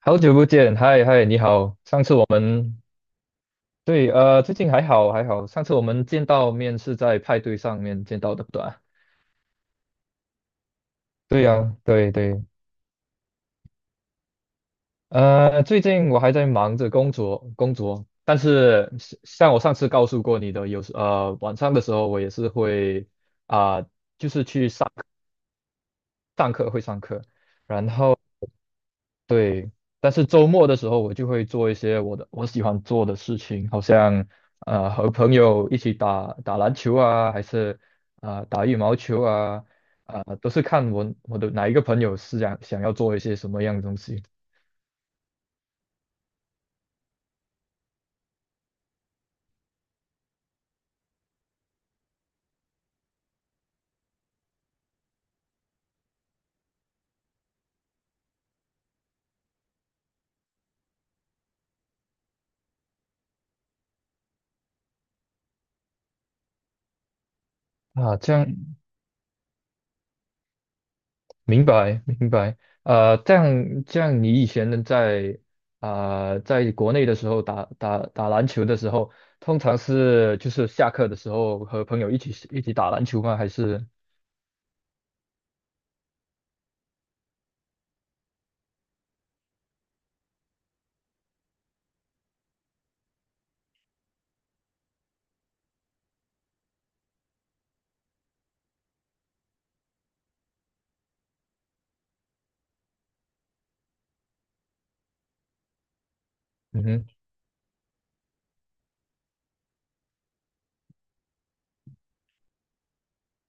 好久不见，嗨嗨，你好。上次我们对，最近还好还好。上次我们见到面是在派对上面见到的，对吧？对呀、对对。最近我还在忙着工作工作，但是像我上次告诉过你的，有时晚上的时候我也是会啊、会上课，对，但是周末的时候我就会做一些我喜欢做的事情，好像和朋友一起打打篮球啊，还是打羽毛球啊，都是看我的哪一个朋友是想要做一些什么样的东西。啊，这样。明白明白。这样你以前在啊、在国内的时候打篮球的时候，通常就是下课的时候和朋友一起打篮球吗？还是。嗯哼。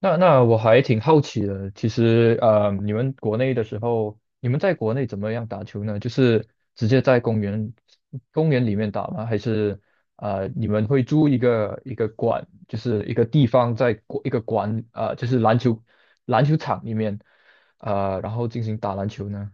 那我还挺好奇的。其实你们国内的时候，你们在国内怎么样打球呢？就是直接在公园里面打吗？还是你们会租一个馆，就是一个地方一个馆就是篮球场里面然后进行打篮球呢？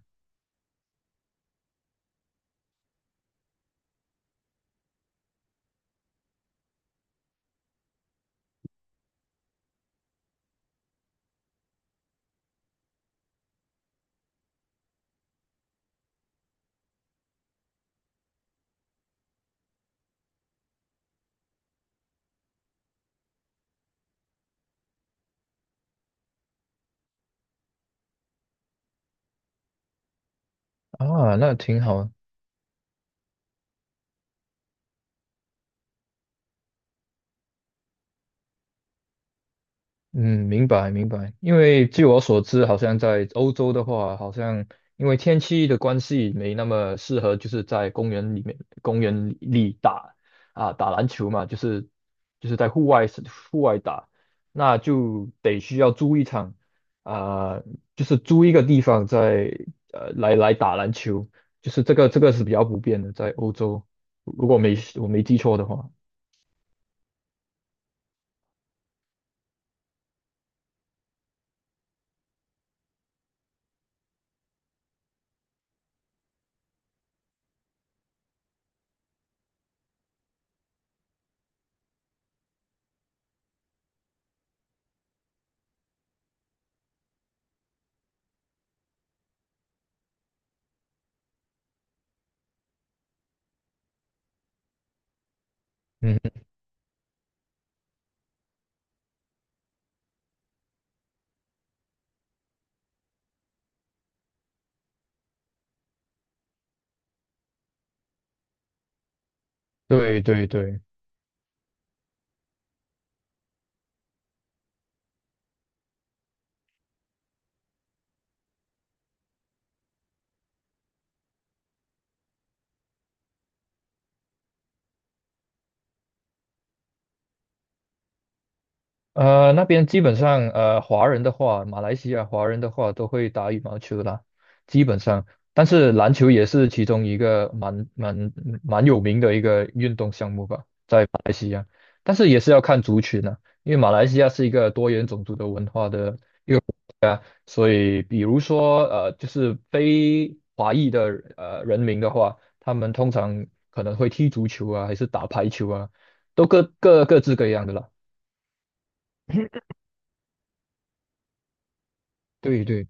啊，那挺好。嗯，明白明白。因为据我所知，好像在欧洲的话，因为天气的关系，没那么适合，就是在公园里打打篮球嘛，就是在户外打，那就得需要租一场啊、就是租一个地方在来打篮球，就是这个是比较普遍的，在欧洲，如果没我没记错的话。嗯，对对对。那边基本上，华人的话，马来西亚华人的话都会打羽毛球啦，基本上。但是篮球也是其中一个蛮有名的一个运动项目吧。但是也是要看族群啊，因为马来西亚是一个多元种族的文化的，所以比如说，就是非华裔的人民的话，他们通常可能会踢足球啊，还是打排球啊，都各自各样的啦。对对。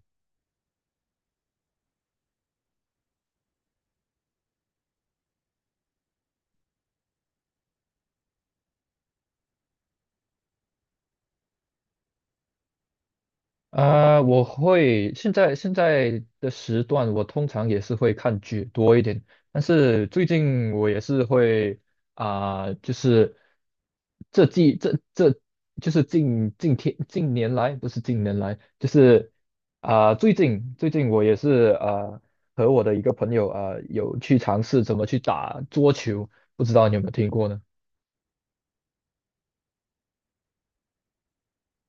现在的时段，我通常也是会看剧多一点，但是最近我也是会就是这季这这就是近年来不是近年来，就是最近我也是和我的一个朋友有去尝试怎么去打桌球，不知道你有没有听过呢？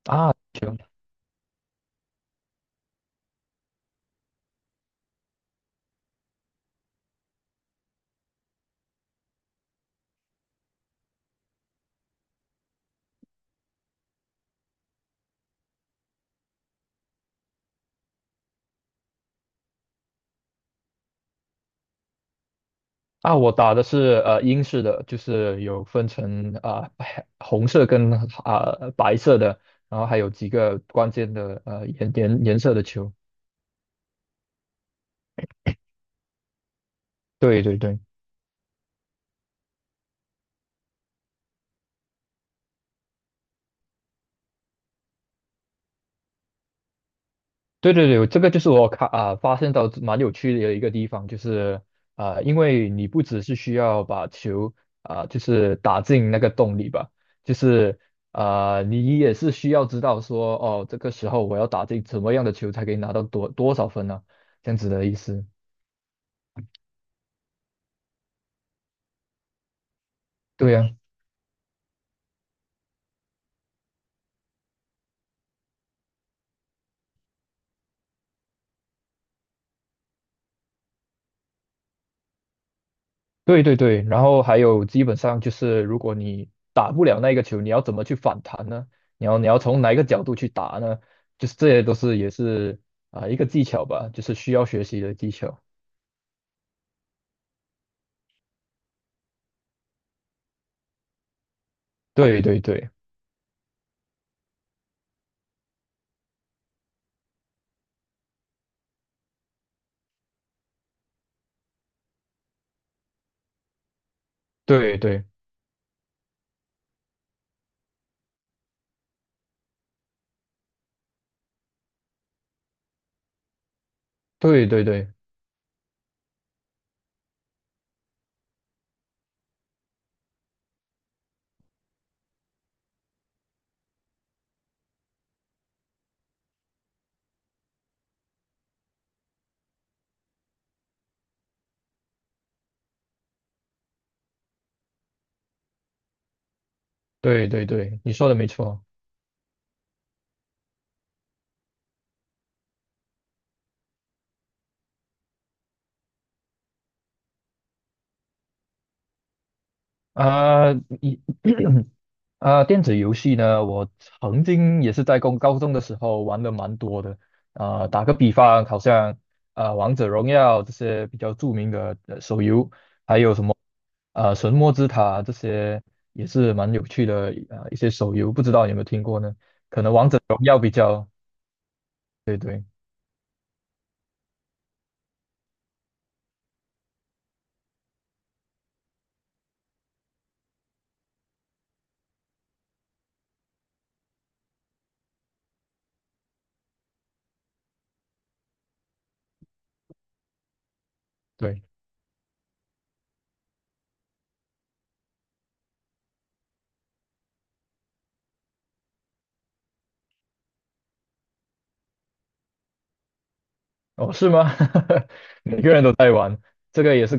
啊，啊，我打的是英式的，就是有分成白红色跟白色的，然后还有几个关键的颜颜颜色的球。对对对对对对，这个就是我看发现到蛮有趣的一个地方，就是因为你不只是需要把球就是打进那个洞里吧，就是你也是需要知道说哦这个时候我要打进什么样的球才可以拿到多少分呢，这样子的意思。对呀，对对对，然后还有基本上就是，如果你打不了那个球，你要怎么去反弹呢？你要从哪一个角度去打呢？就是这些都是也是一个技巧吧，就是需要学习的技巧。对对对对对对对对对对对，你说的没错。啊，一 电子游戏呢，我曾经也是在高中的时候玩的蛮多的。打个比方，好像。啊，王者荣耀这些比较著名的手游，啊，神魔之塔这些也是蛮有趣的一些手游，不知道有没有听过呢？对对对。哦，是吗？每个人都在玩，这个也是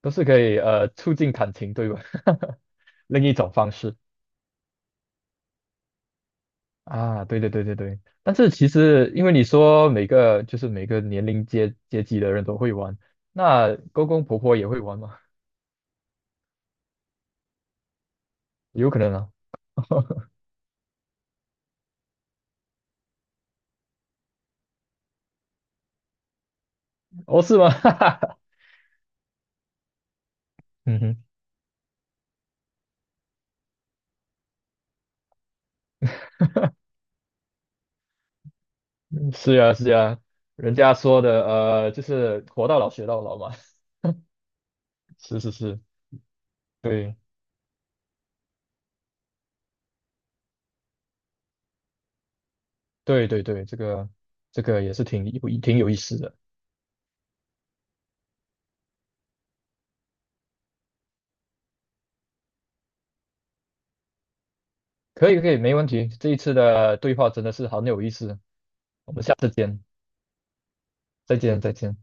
都是可以促进感情，对吧？另一种方式啊，对对对对对。但是其实因为你说每个年龄阶级的人都会玩，那公公婆婆也会玩吗？有可能啊。哦，是吗？嗯哼。 是呀，是呀，人家说的，就是活到老学到老嘛。是是是，对对对对，这个也是挺有意思的。可以可以，没问题。这一次的对话真的是很有意思。我们下次见，再见再见。